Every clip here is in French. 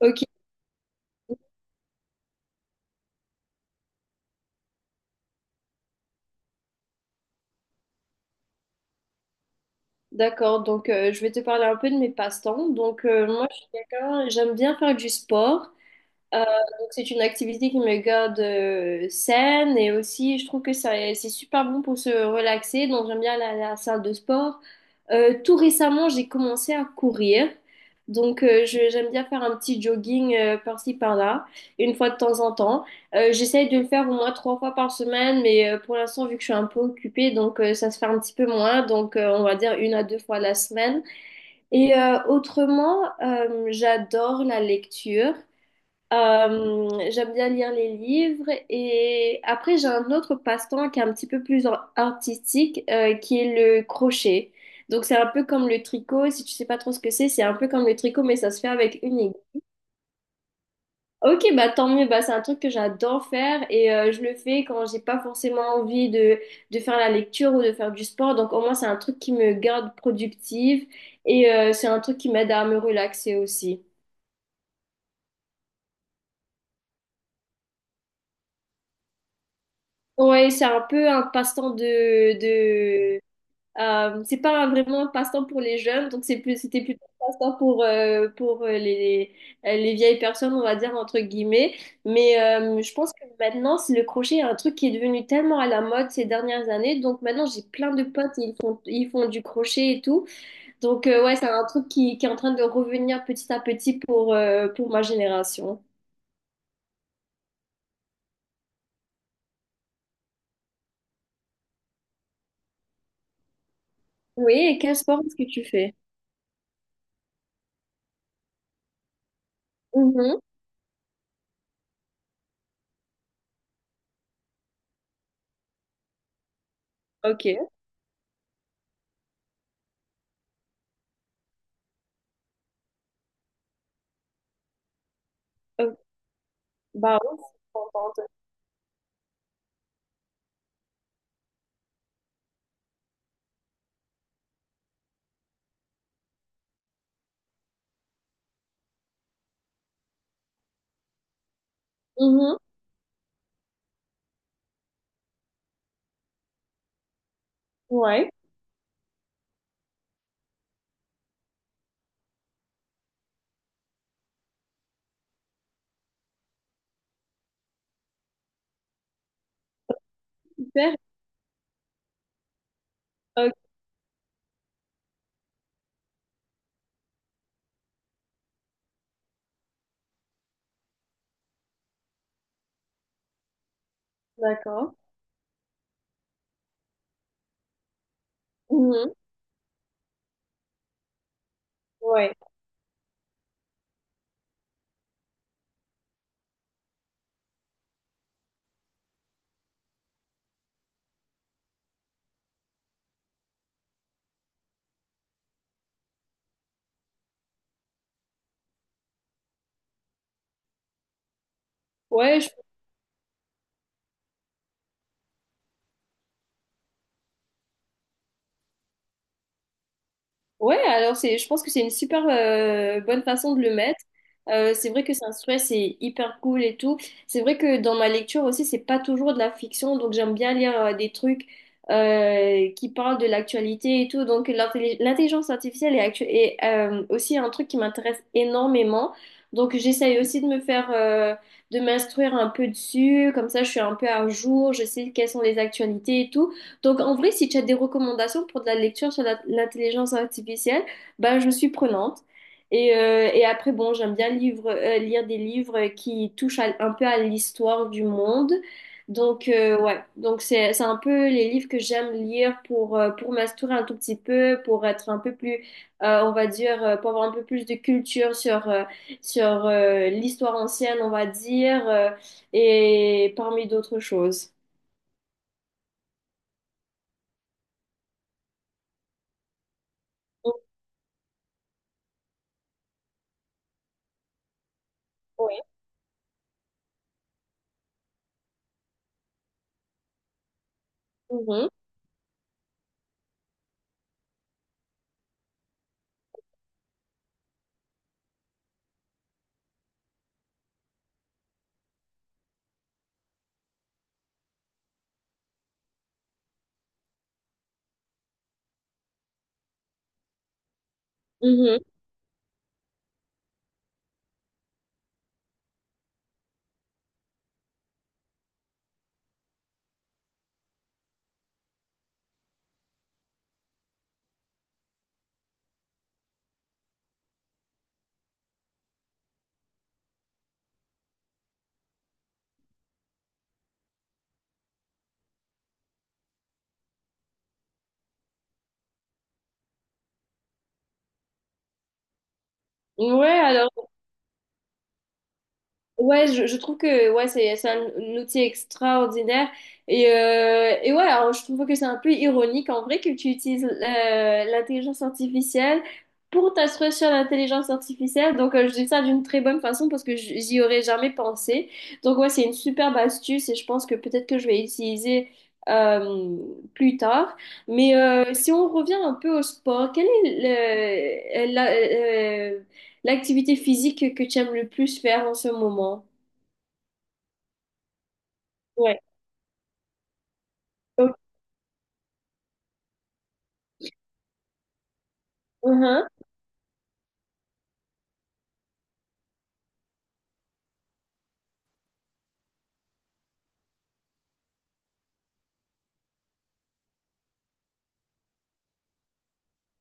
Ok, d'accord. Donc, je vais te parler un peu de mes passe-temps. Donc, moi, je suis quelqu'un, j'aime bien faire du sport. Euh, donc c'est une activité qui me garde saine et aussi je trouve que ça, c'est super bon pour se relaxer. Donc j'aime bien la salle de sport. Tout récemment, j'ai commencé à courir. Donc j'aime bien faire un petit jogging par-ci par-là, une fois de temps en temps. J'essaye de le faire au moins 3 fois par semaine, mais pour l'instant, vu que je suis un peu occupée, donc ça se fait un petit peu moins. Donc on va dire 1 à 2 fois la semaine. Et autrement, j'adore la lecture. J'aime bien lire les livres et après j'ai un autre passe-temps qui est un petit peu plus artistique qui est le crochet. Donc c'est un peu comme le tricot, si tu sais pas trop ce que c'est un peu comme le tricot mais ça se fait avec une aiguille. Ok, bah tant mieux, bah c'est un truc que j'adore faire et je le fais quand j'ai pas forcément envie de faire la lecture ou de faire du sport. Donc au moins c'est un truc qui me garde productive et c'est un truc qui m'aide à me relaxer aussi. Ouais, c'est un peu un passe-temps de. C'est pas vraiment un passe-temps pour les jeunes, donc c'est plus, c'était plutôt un passe-temps pour les vieilles personnes, on va dire, entre guillemets. Mais je pense que maintenant, c'est le crochet est un truc qui est devenu tellement à la mode ces dernières années. Donc maintenant, j'ai plein de potes, ils font du crochet et tout. Donc ouais, c'est un truc qui est en train de revenir petit à petit pour ma génération. Oui, et quel sport est-ce que tu fais? Mhm. Ok. Ok. Bah oui, je suis contente. Mhm. Ouais, super. Ok, d'accord. Mhm. Ouais, ouais, je- ouais. Alors c'est, je pense que c'est une super bonne façon de le mettre. C'est vrai que c'est un stress, c'est hyper cool et tout. C'est vrai que dans ma lecture aussi, c'est pas toujours de la fiction, donc j'aime bien lire des trucs qui parlent de l'actualité et tout. Donc l'intelligence artificielle est aussi un truc qui m'intéresse énormément. Donc j'essaye aussi de me faire, de m'instruire un peu dessus, comme ça je suis un peu à jour, je sais quelles sont les actualités et tout. Donc, en vrai, si tu as des recommandations pour de la lecture sur l'intelligence artificielle, ben, je suis prenante. Et après, bon, j'aime bien lire des livres qui touchent un peu à l'histoire du monde. Donc, ouais, donc c'est un peu les livres que j'aime lire pour m'instruire un tout petit peu, pour être un peu plus, on va dire, pour avoir un peu plus de culture sur, l'histoire ancienne, on va dire, et parmi d'autres choses. Oui. Mhm. Mhm. Ouais, alors, ouais, je trouve que ouais, c'est un outil extraordinaire. Et ouais, alors, je trouve que c'est un peu ironique en vrai que tu utilises l'intelligence artificielle pour t'asseoir sur l'intelligence artificielle. Donc, je dis ça d'une très bonne façon parce que j'y aurais jamais pensé. Donc, ouais, c'est une superbe astuce et je pense que peut-être que je vais utiliser euh, plus tard. Mais si on revient un peu au sport, quel est euh, L'activité physique que tu aimes le plus faire en ce moment. Ouais. Ok. Mhm.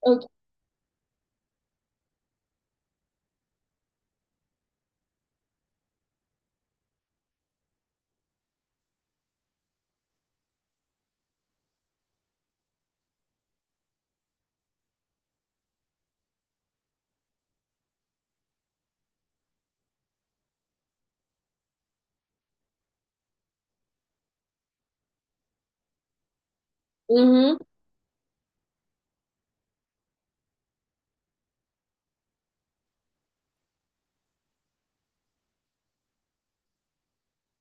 Ok. Mhm.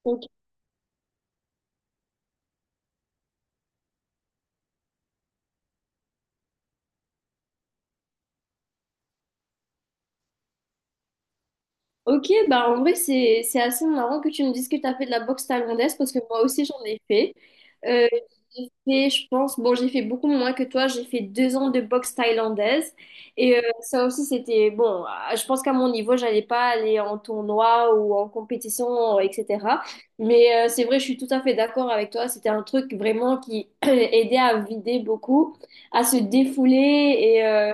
Ok. Ok, bah en vrai, c'est assez marrant que tu me dises que tu as fait de la boxe thaïlandaise parce que moi aussi j'en ai fait. Euh, j'ai fait, je pense, bon, j'ai fait beaucoup moins que toi, j'ai fait 2 ans de boxe thaïlandaise et ça aussi c'était bon. Ah, je pense qu'à mon niveau, j'allais pas aller en tournoi ou en compétition, etc. Mais c'est vrai, je suis tout à fait d'accord avec toi, c'était un truc vraiment qui aidait à vider beaucoup, à se défouler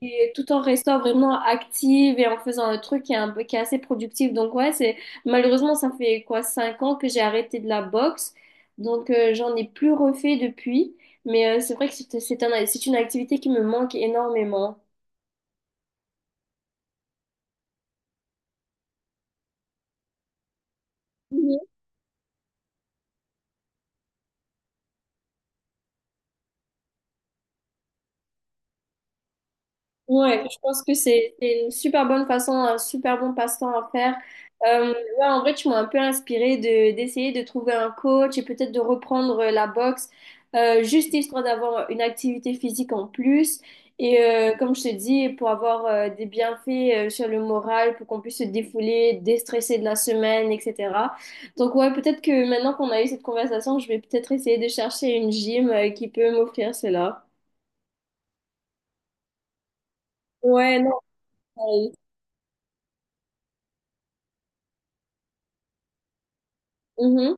et tout en restant vraiment active et en faisant un truc qui est un peu, qui est assez productif. Donc ouais, c'est malheureusement ça fait quoi 5 ans que j'ai arrêté de la boxe. Donc j'en ai plus refait depuis, mais c'est vrai que c'est c'est une activité qui me manque énormément. Ouais, je pense que c'est une super bonne façon, un super bon passe-temps à faire. Euh, là, en vrai, tu m'as un peu inspiré de d'essayer de trouver un coach et peut-être de reprendre la boxe, juste histoire d'avoir une activité physique en plus. Et comme je te dis, pour avoir des bienfaits sur le moral, pour qu'on puisse se défouler, déstresser de la semaine, etc. Donc ouais, peut-être que maintenant qu'on a eu cette conversation, je vais peut-être essayer de chercher une gym qui peut m'offrir cela. Ouais, non. euh, mhm.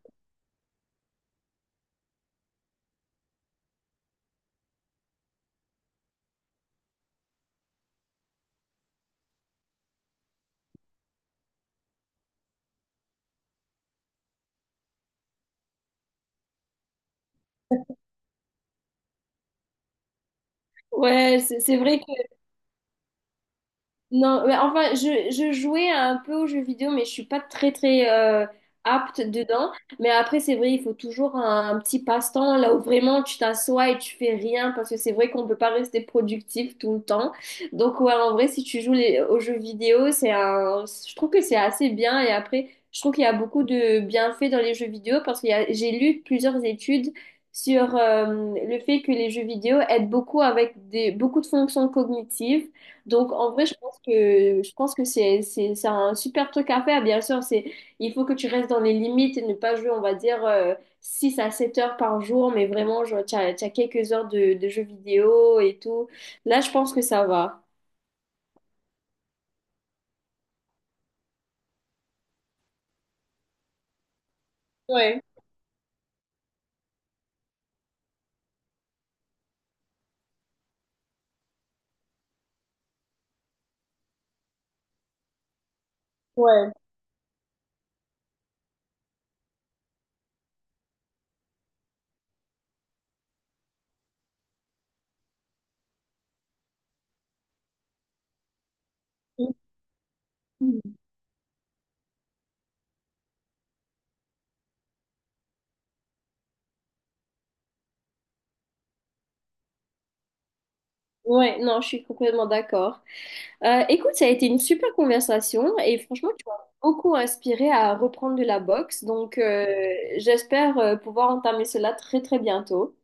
Ouais, c'est vrai que non, mais enfin, je jouais un peu aux jeux vidéo, mais je suis pas très très apte dedans. Mais après, c'est vrai, il faut toujours un petit passe-temps là où vraiment tu t'assois et tu fais rien parce que c'est vrai qu'on peut pas rester productif tout le temps. Donc ouais, en vrai, si tu joues aux jeux vidéo, c'est un, je trouve que c'est assez bien. Et après, je trouve qu'il y a beaucoup de bienfaits dans les jeux vidéo parce qu'il y a, j'ai lu plusieurs études sur le fait que les jeux vidéo aident beaucoup avec des, beaucoup de fonctions cognitives. Donc, en vrai, je pense que c'est un super truc à faire. Bien sûr, c'est il faut que tu restes dans les limites et ne pas jouer, on va dire, 6 à 7 heures par jour, mais vraiment, genre, tu as, quelques heures de jeux vidéo et tout. Là, je pense que ça va. Ouais, ouais. Mhm. Ouais, non, je suis complètement d'accord. Écoute, ça a été une super conversation et franchement, tu m'as beaucoup inspiré à reprendre de la boxe. Donc, j'espère pouvoir entamer cela très, très bientôt.